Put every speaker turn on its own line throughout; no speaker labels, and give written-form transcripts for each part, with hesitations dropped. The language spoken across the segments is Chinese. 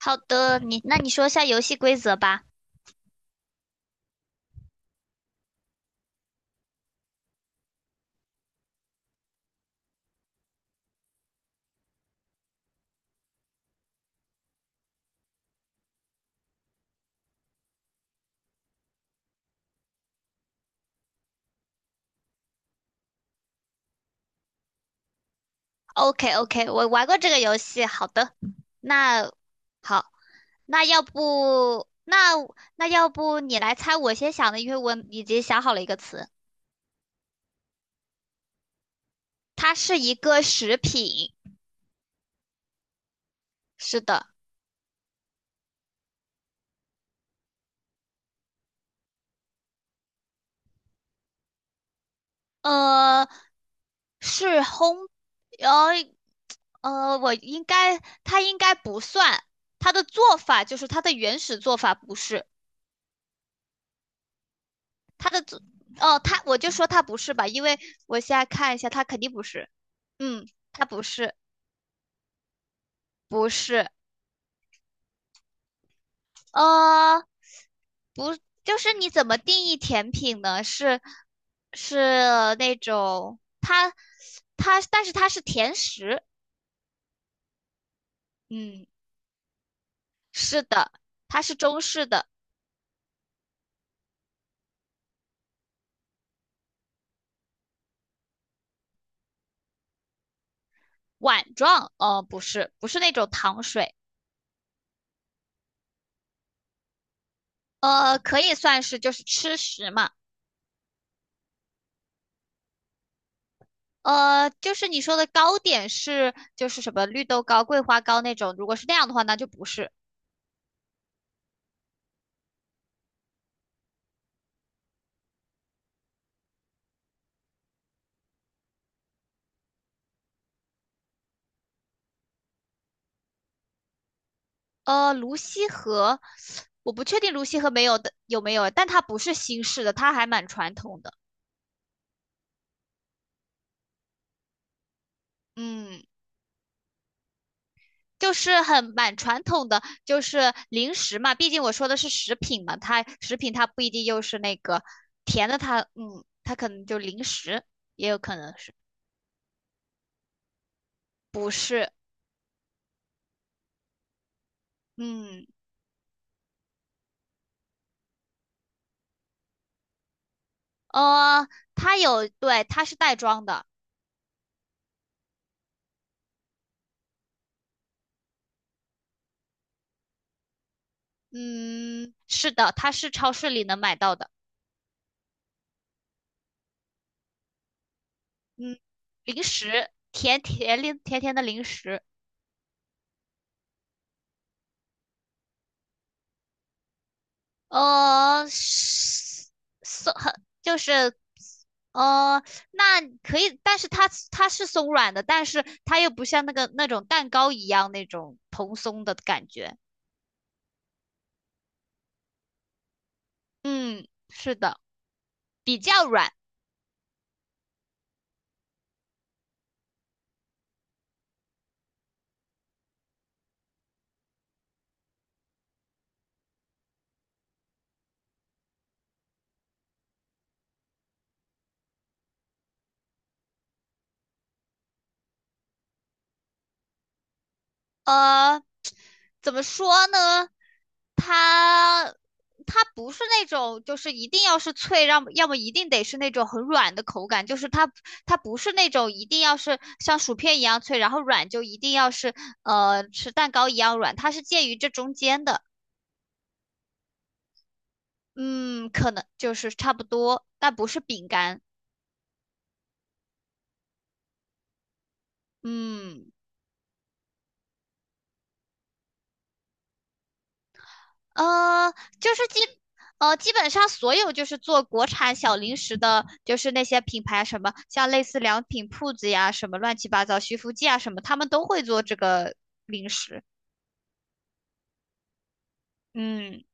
好的，你你说一下游戏规则吧。OK OK，我玩过这个游戏。好的，那好，那要不那那要不你来猜我先想的，因为我已经想好了一个词，它是一个食品。是的，呃，是烘，呃我应该不算，它的做法就是它的原始做法不是。他的作哦，他我就说他不是吧，因为我现在看一下，他肯定不是。嗯，他不是，不是，呃，就是你怎么定义甜品呢？是是那种它，但是它是甜食。嗯，是的，它是中式的碗状。不是，不是那种糖水。可以算是就是吃食嘛。就是你说的糕点是就是什么绿豆糕、桂花糕那种，如果是那样的话，那就不是。泸溪河，我不确定泸溪河没有的有没有，但它不是新式的，它还蛮传统的。嗯，就是很蛮传统的，就是零食嘛，毕竟我说的是食品嘛，它食品它不一定又是那个甜的它，嗯，它可能就零食，也有可能是不是？嗯，呃，它有，对，它是袋装的。嗯，是的，它是超市里能买到的。嗯，零食，甜甜的零食，是松很就是，呃，那可以，但是它是松软的，但是它又不像那个那种蛋糕一样那种蓬松的感觉。嗯，是的，比较软。呃，怎么说呢？它不是那种就是一定要是脆，让要么一定得是那种很软的口感，就是它不是那种一定要是像薯片一样脆，然后软就一定要是吃蛋糕一样软，它是介于这中间的。嗯，可能就是差不多，但不是饼干。嗯。呃，就是基基本上所有就是做国产小零食的，就是那些品牌什么，像类似良品铺子呀，什么乱七八糟徐福记啊什么，他们都会做这个零食。嗯，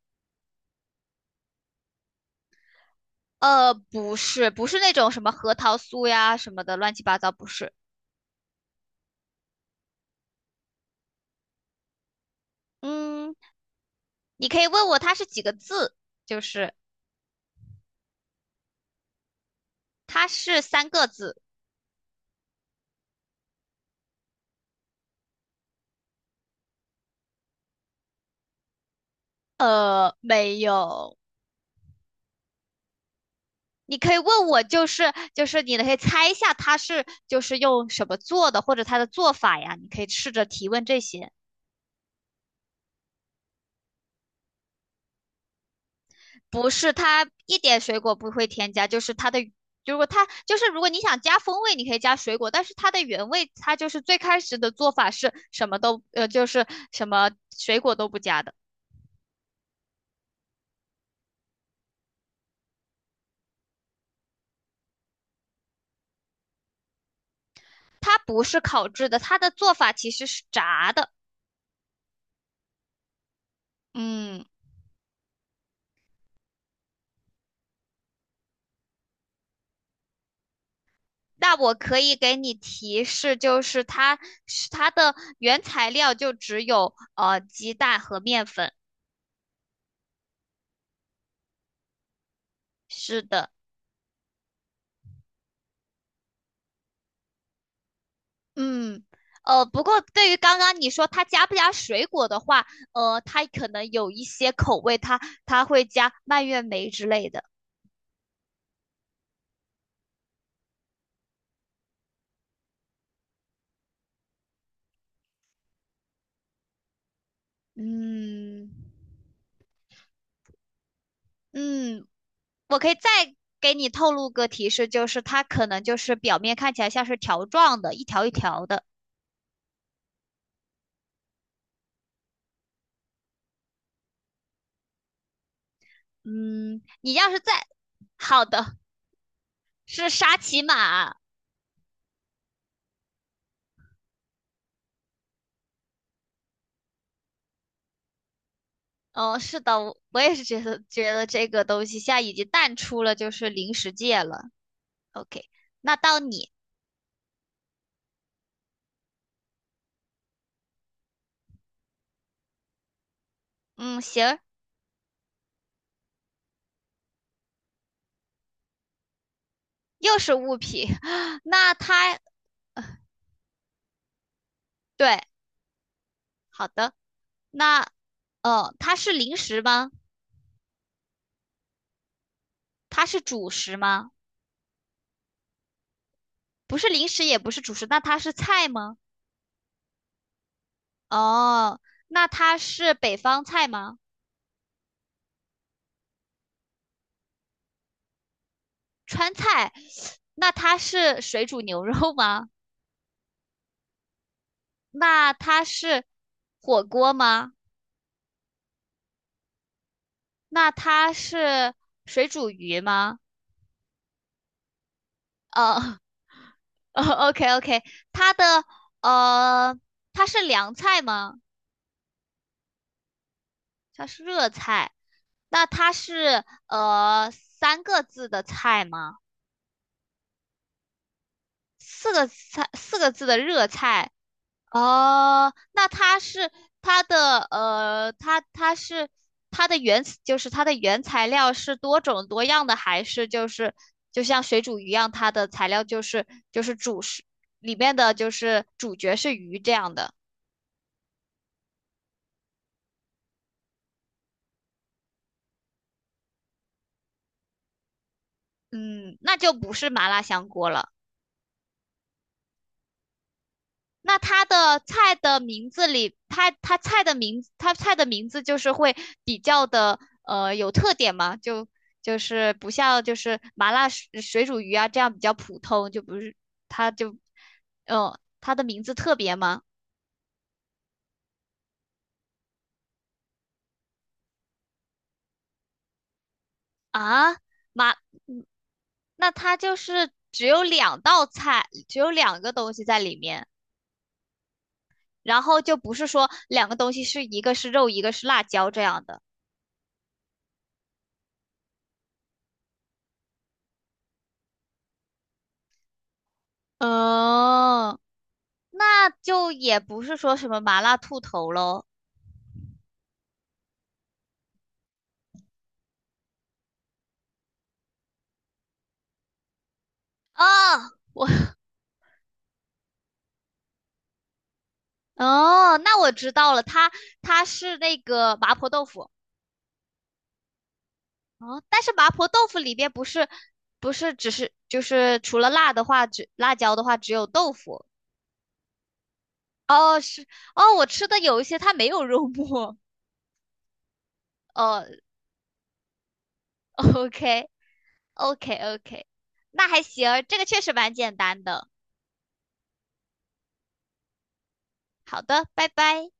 不是，不是那种什么核桃酥呀什么的乱七八糟，不是。嗯，你可以问我它是几个字，就是它是三个字。没有。你可以问我，就是你可以猜一下它是就是用什么做的，或者它的做法呀，你可以试着提问这些。不是它一点水果不会添加，就是它的，如果它就是如果你想加风味，你可以加水果，但是它的原味它就是最开始的做法是什么都就是什么水果都不加的，它不是烤制的，它的做法其实是炸的。嗯。那我可以给你提示，就是是它的原材料就只有鸡蛋和面粉。是的，嗯，不过对于刚刚你说它加不加水果的话，它可能有一些口味它，它会加蔓越莓之类的。嗯嗯，我可以再给你透露个提示，就是它可能就是表面看起来像是条状的，一条一条的。嗯，你要是再好的。是沙琪玛。哦，是的，我也是觉得这个东西现在已经淡出了就是零食界了。OK，那到你，嗯，行，又是物品，那它对，好的，那哦，它是零食吗？它是主食吗？不是零食，也不是主食，那它是菜吗？哦，那它是北方菜吗？川菜，那它是水煮牛肉吗？那它是火锅吗？那它是水煮鱼吗？呃 ，OK OK，它的呃，它是凉菜吗？它是热菜。那它是三个字的菜吗？四个菜，四个字的热菜。哦，那它是它的它是它的原就是它的原材料是多种多样的，还是就是就像水煮鱼一样，它的材料就是就是主食里面的就是主角是鱼这样的？嗯，那就不是麻辣香锅了。那它的菜的名字里，它菜的名字就是会比较的有特点嘛，就是不像就是麻辣水煮鱼啊这样比较普通，就不是它就，嗯，它的名字特别吗？啊，麻，嗯那它就是只有两道菜，只有两个东西在里面，然后就不是说两个东西是一个是肉，一个是辣椒这样的。哦，那就也不是说什么麻辣兔头喽。哦 我哦，那我知道了，它是那个麻婆豆腐哦，但是麻婆豆腐里边不是不是只是就是除了辣的话，只辣椒的话只有豆腐哦，是哦，我吃的有一些它没有肉末 哦，OK OK OK，那还行，这个确实蛮简单的。好的，拜拜。